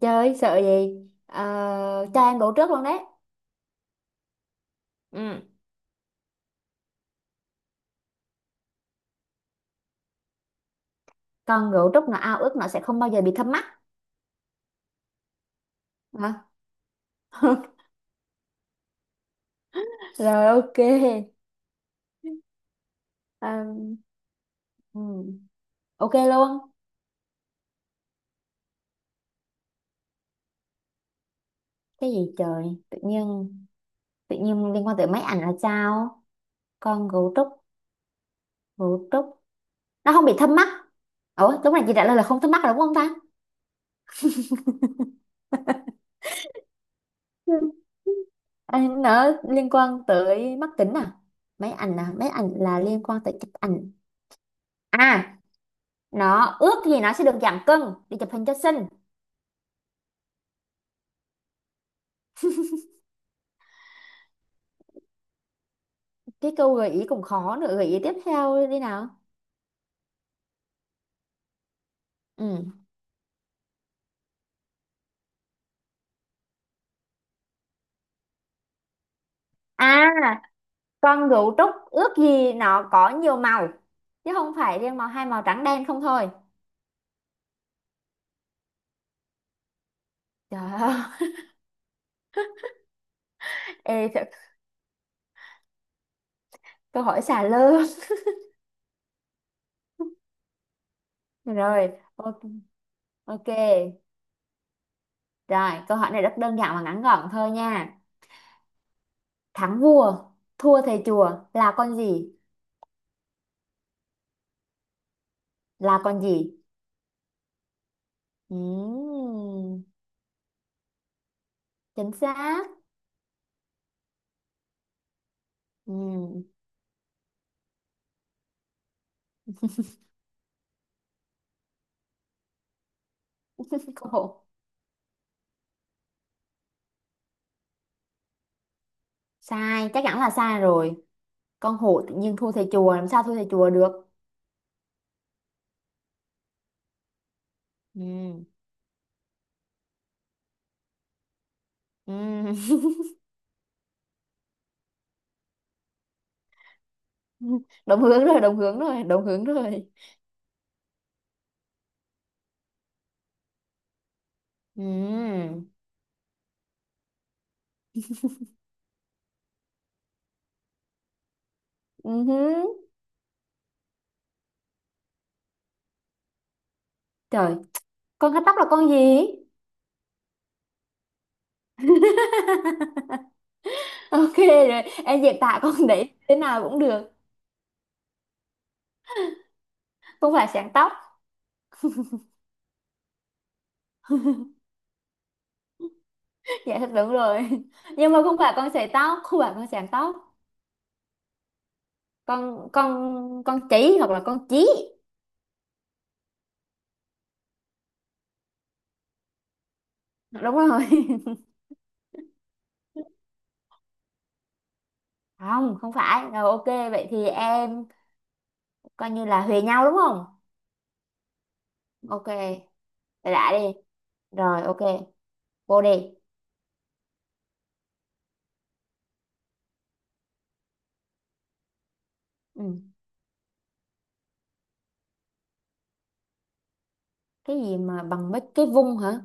Chơi sợ gì. Ờ, cho em ngủ trước luôn đấy. Ừ. Còn ngủ trước, nó ao ước nó sẽ không bao giờ bị thâm mắt. Hả? Rồi, ok. Ờ. Ừ. Ok luôn. Cái gì trời? Tự nhiên, tự nhiên liên quan tới máy ảnh là sao? Con ngủ trúc, ngủ trúc nó không bị thâm mắt. Ủa lúc này chị trả lời là không thâm mắt rồi đúng không ta? Ừ. Nó liên quan tới mắt kính à? Máy ảnh à, máy ảnh là liên quan tới chụp ảnh à. Nó ước gì nó sẽ được giảm cân để chụp hình cho xinh. Cái câu gợi ý cũng khó nữa, gợi ý tiếp theo đi nào. Ừ. À, con gấu trúc ước gì nó có nhiều màu, chứ không phải riêng màu, hai màu trắng đen không thôi. Trời ơi! Ê, câu hỏi xà lơ. Rồi ok. Ok. Rồi câu hỏi này rất đơn giản và ngắn gọn thôi nha. Thắng vua, thua thầy chùa là con gì? Là con gì? Ừm, chính xác. Ừm. Khổ. Sai, chắc chắn là sai rồi. Con hổ tự nhiên thua thầy chùa, làm sao thua thầy chùa được? Ừ. Ừ. Đồng hướng rồi, đồng hướng rồi, đồng hướng rồi. Ừ. Ừ. Trời. Con cắt tóc là con gì? Ok rồi, em diễn tả con đấy thế nào cũng được. Không phải, sáng tóc. Dạ thật đúng rồi, nhưng mà không phải con sợi tóc, không phải con sáng tóc. Con chỉ hoặc là con chí. Đúng rồi. Không, không phải rồi. Ok vậy thì em coi như là huề nhau đúng không? Ok. Đã đi. Rồi ok, vô đi. Ừ. Cái gì mà bằng mấy cái vung hả?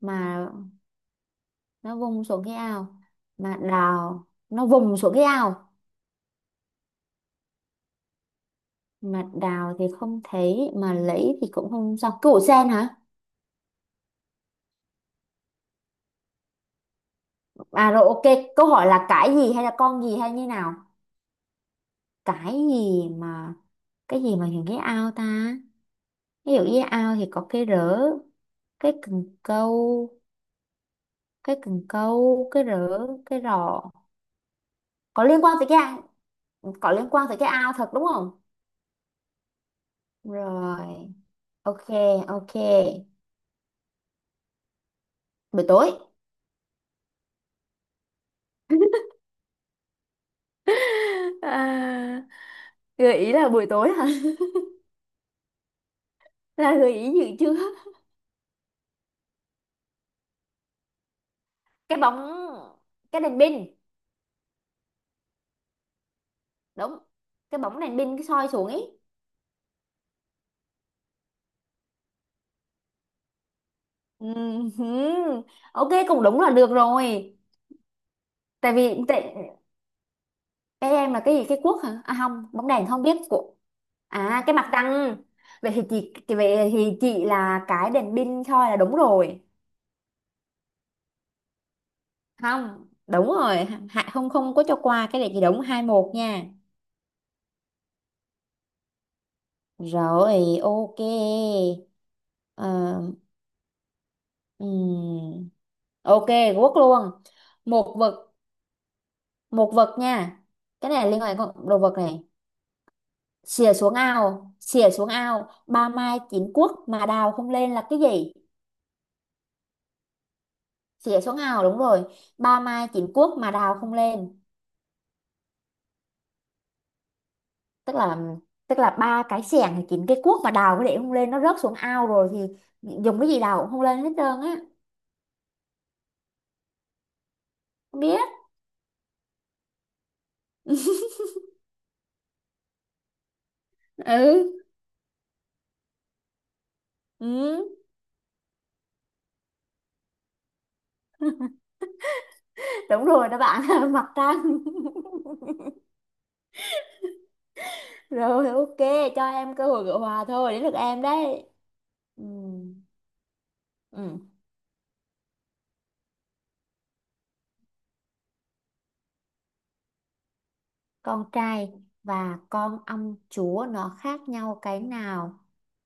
Mà nó vung xuống cái ao, mà đào nó vùng xuống cái ao, mà đào thì không thấy mà lấy thì cũng không sao. Củ sen hả? À rồi ok. Câu hỏi là cái gì hay là con gì hay như nào? Cái gì mà, cái gì mà những cái ao ta? Ví dụ như ao thì có cái rỡ, cái cần câu. Cái cần câu, cái rỡ, cái rọ. Có liên quan tới cái, có liên quan tới cái ao thật đúng không? Rồi, ok. Ok. Buổi tối. à, Gợi ý là buổi tối hả? Là gợi ý gì chưa? Cái bóng, cái đèn pin. Đúng. Cái bóng đèn pin, cái soi xuống ấy. Ừm, ok, cũng đúng là được rồi. Tại vì cái em là cái gì? Cái cuốc hả? À không, bóng đèn không biết của. À, cái mặt trăng. Vậy thì chị vậy thì chị là cái đèn pin soi là đúng rồi. Không đúng rồi. Hạ không, không có cho qua, cái này chị đúng hai một nha. Rồi ok. Ờ. Ừm, ok. Quốc luôn. Một vật, một vật nha. Cái này liên quan đến con đồ vật này. Xìa xuống ao, xìa xuống ao, ba mai chín cuốc mà đào không lên là cái gì? Xìa xuống ao đúng rồi. Ba mai chín cuốc mà đào không lên. Tức là, tức là ba cái xẻng thì chín cái cuốc mà đào cái để không lên, nó rớt xuống ao rồi thì dùng cái gì đào cũng không lên hết trơn á. Biết. Ừ. Ừ. Đúng rồi đó bạn. Mặt trăng. Rồi ok. Cho em cơ hội gỡ hòa thôi, đến lượt em đấy. Ừ. Ừ. Con trai và con ông chúa nó khác nhau cái nào?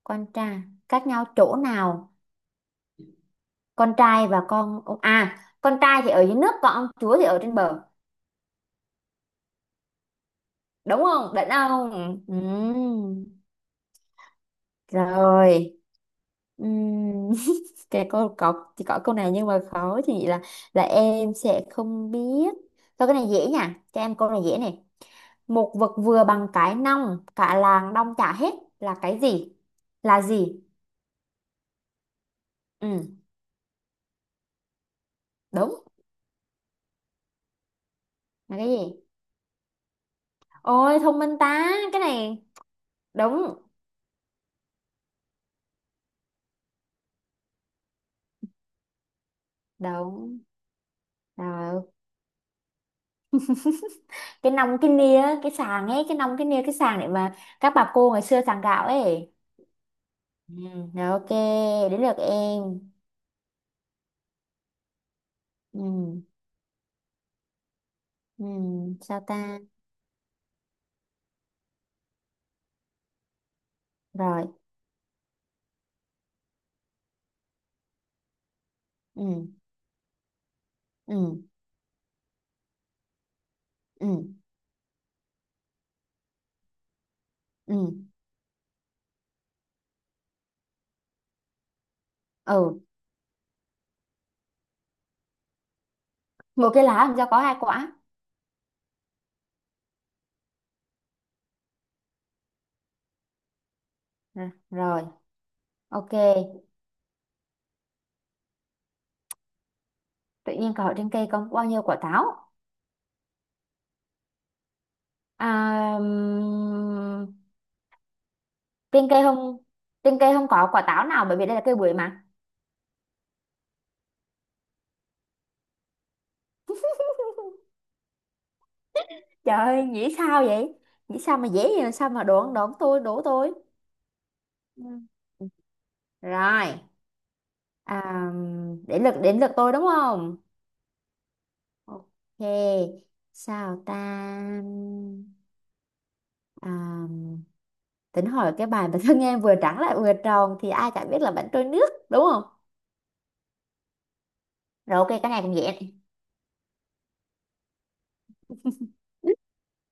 Con trai khác nhau chỗ nào? Con trai và con ông, à con trai thì ở dưới nước, còn ông chúa thì ở trên bờ. Đúng không, định không? Ừ. Ừ. Rồi. Ừm, cái câu có chỉ có câu này nhưng mà khó thì là em sẽ không biết. Thôi cái này dễ nha, cho em câu này dễ này. Một vật vừa bằng cái nòng, cả làng đong chả hết là cái gì? Là gì? Ừ. Đúng. Là cái gì? Ôi thông minh ta cái này. Đúng. Đúng rồi. Cái nòng, cái nia, cái sàng ấy. Cái nòng, cái nia, cái sàng để mà các bà cô ngày xưa sàng gạo ấy. Ừ. Rồi ok. Đến lượt em. Ừ. Ừ, sao ta? Rồi. Ừ. Ừ. Ừ. Ừ. Ừ. Một cái lá làm sao có hai quả? Rồi, rồi. Ok. Tự nhiên cậu trên cây có bao nhiêu quả táo? À, trên cây không, trên cây không có quả táo nào bởi vì đây là cây bưởi mà. Trời ơi, nghĩ sao vậy? Nghĩ sao mà dễ vậy, sao mà đoán, đoán tôi đố tôi? Ừ. Rồi. À, đến lượt tôi đúng không? Ok, sao ta? À, tính hỏi cái bài mà thân em vừa trắng lại vừa tròn thì ai chả biết là bánh trôi nước đúng không? Rồi ok, cái này cũng dễ này.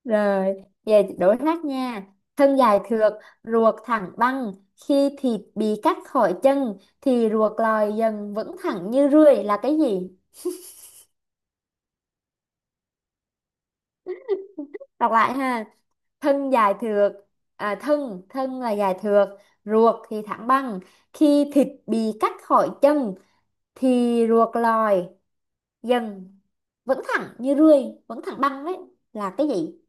Rồi về đối hát nha. Thân dài thượt, ruột thẳng băng. Khi thịt bị cắt khỏi chân thì ruột lòi dần vững thẳng như rươi là cái gì? Đọc lại ha. Thân dài thượt, à, thân thân là dài thượt, ruột thì thẳng băng. Khi thịt bị cắt khỏi chân thì ruột lòi dần, vẫn thẳng như rươi, vẫn thẳng băng đấy là cái gì?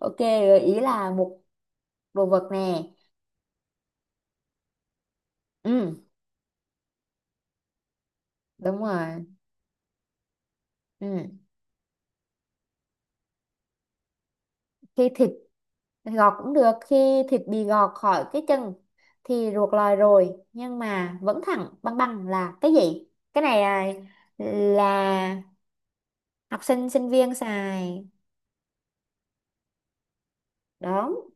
Ok, gợi ý là một đồ vật nè. Ừ, đúng rồi. Ừ. Khi thịt, gọt cũng được, khi thịt bị gọt khỏi cái chân thì ruột lòi rồi nhưng mà vẫn thẳng băng băng là cái gì? Cái này à, là học sinh sinh viên xài. Đúng.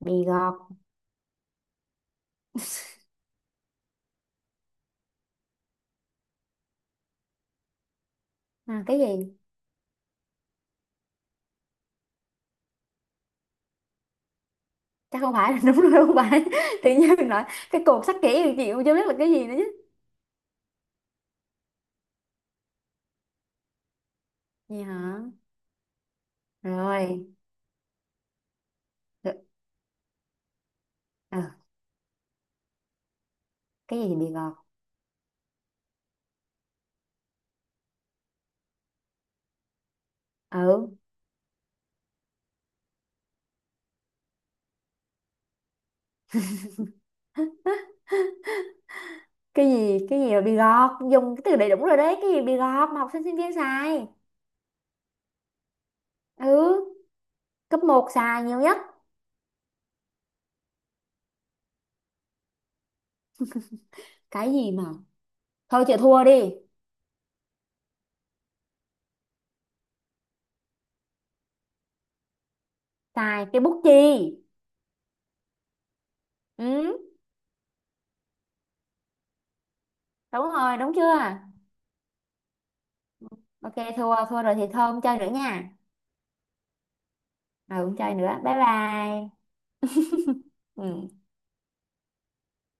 Bị gọt. À, cái gì? Chắc không phải. Đúng rồi, không phải. Tự nhiên nói cái cột sắt kỹ thì chị cũng chưa biết là cái gì nữa chứ. Gì hả? Rồi. Được. Ờ, cái gì bị gọt? Ừ. Cái gì, cái gì mà bị gọt, dùng cái từ đầy đủ rồi đấy. Cái gì bị gọt mà học sinh sinh viên xài? Ừ. Cấp một xài nhiều nhất. Cái gì mà, thôi chịu thua đi. Xài cái bút chì. Ừ, đúng rồi đúng chưa? Ok, thua, thua rồi thì thôi, không chơi nữa nha. Ừ, không chơi nữa, bye bye. Ừ.